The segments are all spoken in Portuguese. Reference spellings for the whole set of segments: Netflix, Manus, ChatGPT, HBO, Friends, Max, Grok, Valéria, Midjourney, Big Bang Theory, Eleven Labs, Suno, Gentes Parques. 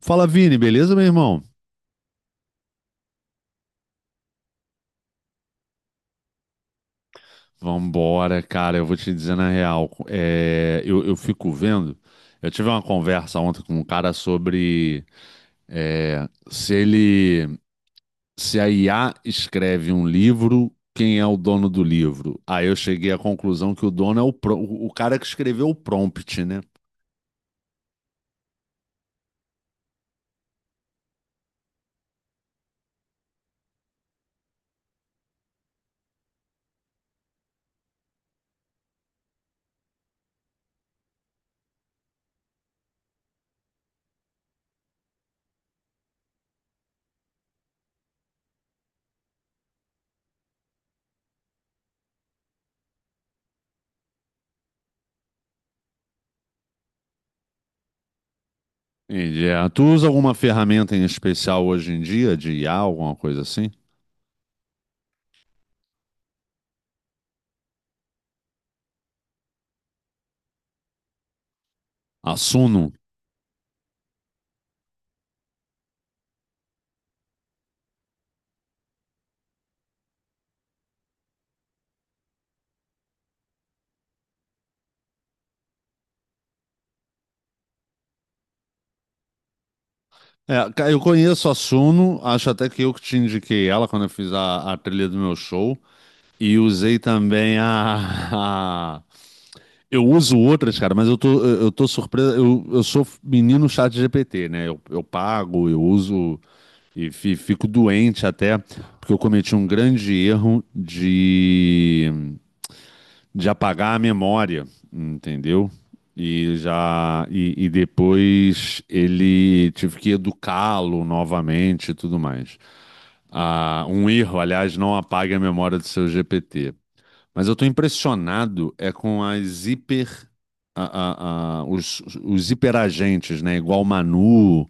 Fala, Vini, beleza, meu irmão? Vambora, cara, eu vou te dizer na real. Eu fico vendo. Eu tive uma conversa ontem com um cara sobre é, se ele, se a IA escreve um livro, quem é o dono do livro? Aí eu cheguei à conclusão que o dono é o cara que escreveu o prompt, né? Entendi. Tu usa alguma ferramenta em especial hoje em dia de IA, alguma coisa assim? Assuno? Eu conheço a Suno, acho até que eu que te indiquei ela quando eu fiz a trilha do meu show. E usei também. Eu uso outras, cara, mas eu tô surpreso. Eu sou menino chat GPT, né? Eu pago, eu uso e fico doente até, porque eu cometi um grande erro de apagar a memória, entendeu? E já e depois ele tive que educá-lo novamente e tudo mais. Ah, um erro, aliás, não apague a memória do seu GPT. Mas eu estou impressionado é com as hiper os hiperagentes, né? Igual Manu,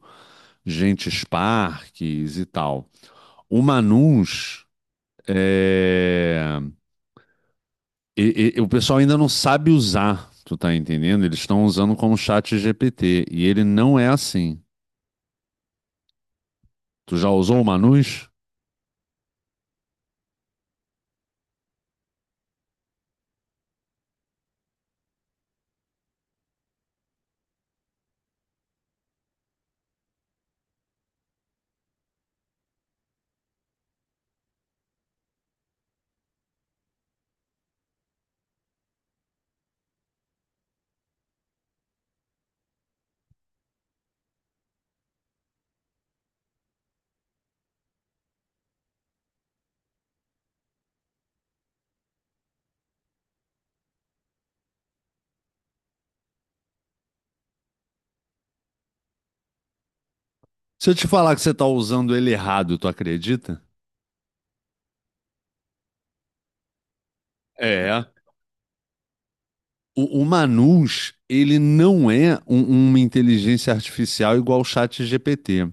Gentes Parques e tal. O Manus é, o pessoal ainda não sabe usar, tu tá entendendo? Eles estão usando como chat GPT e ele não é assim. Tu já usou o Manus? Se eu te falar que você tá usando ele errado, tu acredita? É. O Manus, ele não é uma inteligência artificial igual o chat GPT.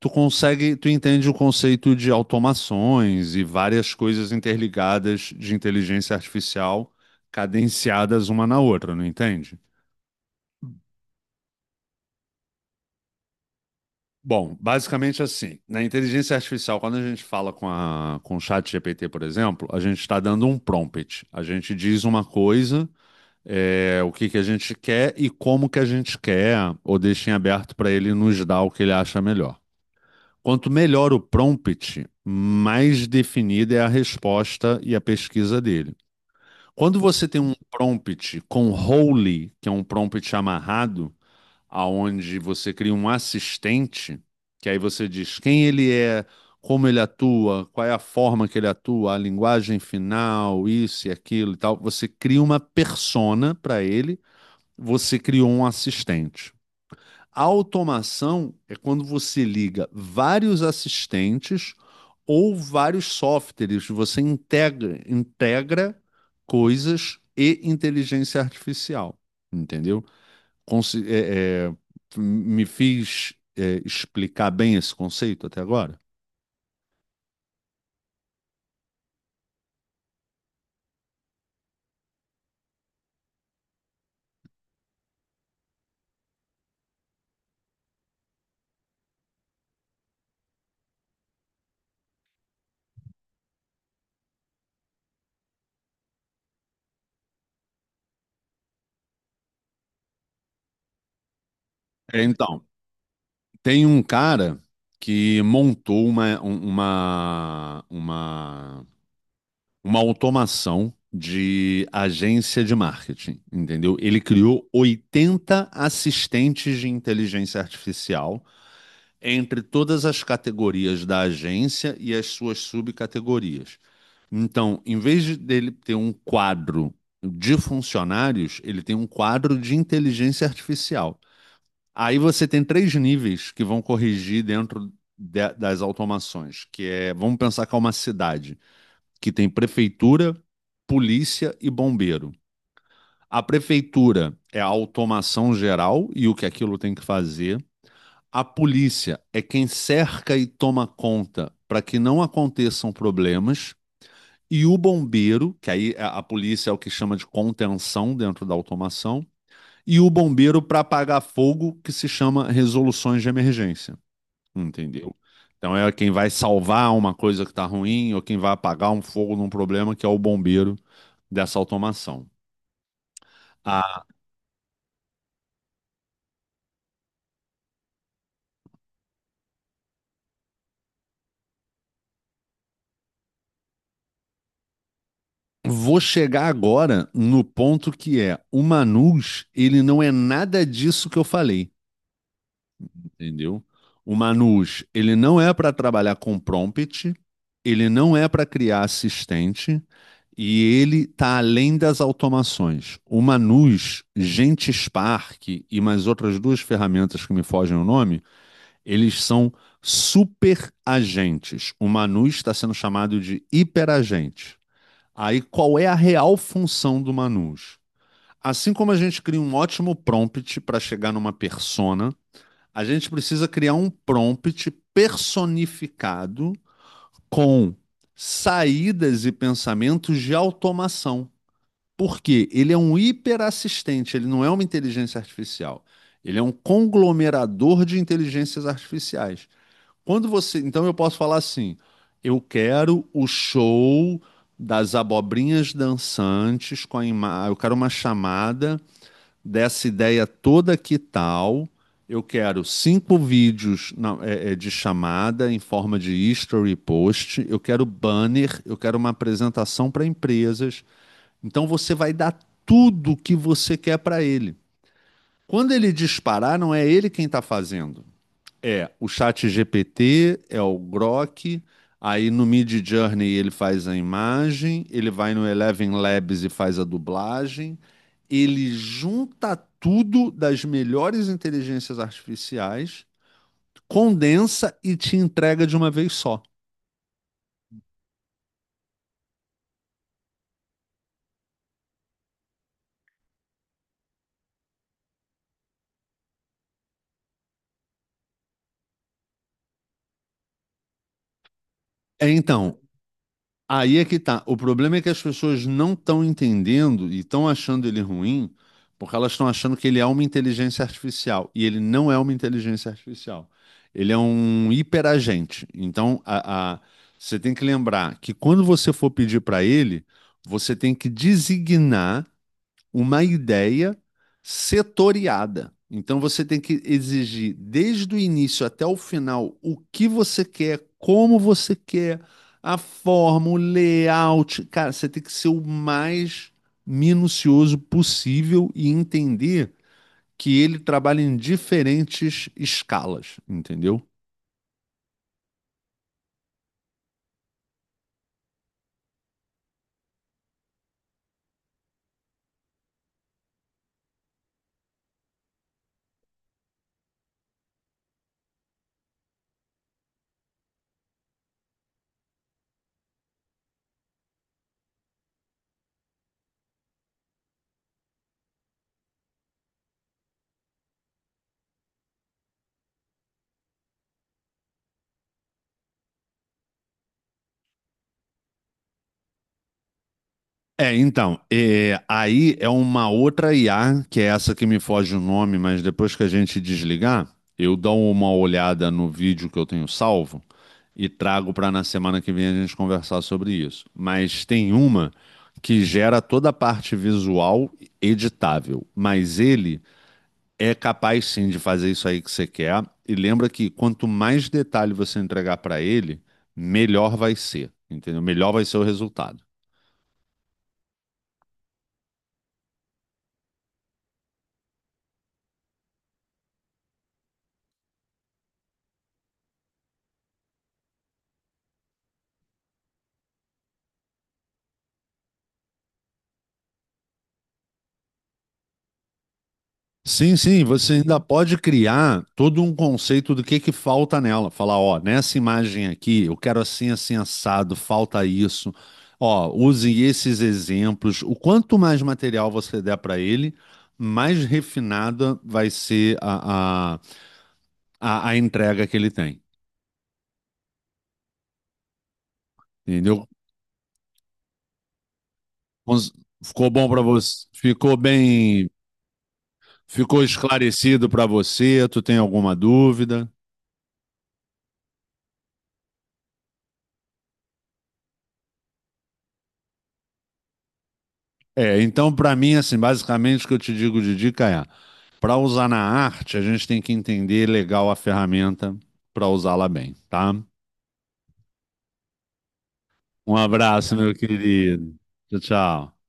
Tu consegue, tu entende o conceito de automações e várias coisas interligadas de inteligência artificial cadenciadas uma na outra, não entende? Bom, basicamente assim, na inteligência artificial, quando a gente fala com a, com o chat GPT, por exemplo, a gente está dando um prompt. A gente diz uma coisa, o que que a gente quer e como que a gente quer, ou deixa em aberto para ele nos dar o que ele acha melhor. Quanto melhor o prompt, mais definida é a resposta e a pesquisa dele. Quando você tem um prompt com role, que é um prompt amarrado, aonde você cria um assistente, que aí você diz quem ele é, como ele atua, qual é a forma que ele atua, a linguagem final, isso e aquilo e tal. Você cria uma persona para ele, você criou um assistente. A automação é quando você liga vários assistentes ou vários softwares, você integra coisas e inteligência artificial, entendeu? consi- é, é, Me fiz explicar bem esse conceito até agora? Então, tem um cara que montou uma, um- uma automação de agência de marketing, entendeu? Ele criou 80 assistentes de inteligência artificial entre todas as categorias da agência e as suas subcategorias. Então, em vez de dele ter um quadro de funcionários, ele tem um quadro de inteligência artificial. Aí você tem três níveis que vão corrigir dentro das automações, que é, vamos pensar que é uma cidade que tem prefeitura, polícia e bombeiro. A prefeitura é a automação geral e o que aquilo tem que fazer. A polícia é quem cerca e toma conta para que não aconteçam problemas, e o bombeiro, que aí a polícia é o que chama de contenção dentro da automação, e o bombeiro para apagar fogo, que se chama resoluções de emergência. Entendeu? Então é quem vai salvar uma coisa que está ruim ou quem vai apagar um fogo num problema, que é o bombeiro dessa automação. Ah, vou chegar agora no ponto que é o Manus, ele não é nada disso que eu falei. Entendeu? O Manus, ele não é para trabalhar com prompt, ele não é para criar assistente e ele está além das automações. O Manus, GenteSpark e mais outras duas ferramentas que me fogem o nome, eles são super agentes. O Manus está sendo chamado de hiperagente. Aí qual é a real função do Manus? Assim como a gente cria um ótimo prompt para chegar numa persona, a gente precisa criar um prompt personificado com saídas e pensamentos de automação. Porque ele é um hiperassistente, ele não é uma inteligência artificial. Ele é um conglomerador de inteligências artificiais. Quando você, então eu posso falar assim: eu quero o show das abobrinhas dançantes com a imagem, eu quero uma chamada dessa ideia toda que tal. Eu quero cinco vídeos de chamada em forma de history post. Eu quero banner, eu quero uma apresentação para empresas. Então você vai dar tudo o que você quer para ele. Quando ele disparar, não é ele quem está fazendo. É, o chat GPT é o Grok, aí no Mid Journey ele faz a imagem, ele vai no Eleven Labs e faz a dublagem, ele junta tudo das melhores inteligências artificiais, condensa e te entrega de uma vez só. Então, aí é que tá. O problema é que as pessoas não estão entendendo e estão achando ele ruim porque elas estão achando que ele é uma inteligência artificial. E ele não é uma inteligência artificial. Ele é um hiperagente. Então, você tem que lembrar que quando você for pedir para ele, você tem que designar uma ideia setoriada. Então você tem que exigir desde o início até o final o que você quer, como você quer, a forma, o layout. Cara, você tem que ser o mais minucioso possível e entender que ele trabalha em diferentes escalas, entendeu? Então, aí é uma outra IA, que é essa que me foge o nome, mas depois que a gente desligar, eu dou uma olhada no vídeo que eu tenho salvo e trago para na semana que vem a gente conversar sobre isso. Mas tem uma que gera toda a parte visual editável, mas ele é capaz sim de fazer isso aí que você quer. E lembra que quanto mais detalhe você entregar para ele, melhor vai ser, entendeu? Melhor vai ser o resultado. Sim, sim, você ainda pode criar todo um conceito do que falta nela. Falar, ó, nessa imagem aqui, eu quero assim, assim, assado, falta isso. Ó, use esses exemplos. O quanto mais material você der para ele, mais refinada vai ser a entrega que ele tem. Entendeu? Cons- Ficou bom para você? Ficou bem? Ficou esclarecido para você? Tu tem alguma dúvida? É, então, para mim, assim, basicamente o que eu te digo de dica é: para usar na arte, a gente tem que entender legal a ferramenta para usá-la bem, tá? Um abraço, meu querido. Tchau, tchau.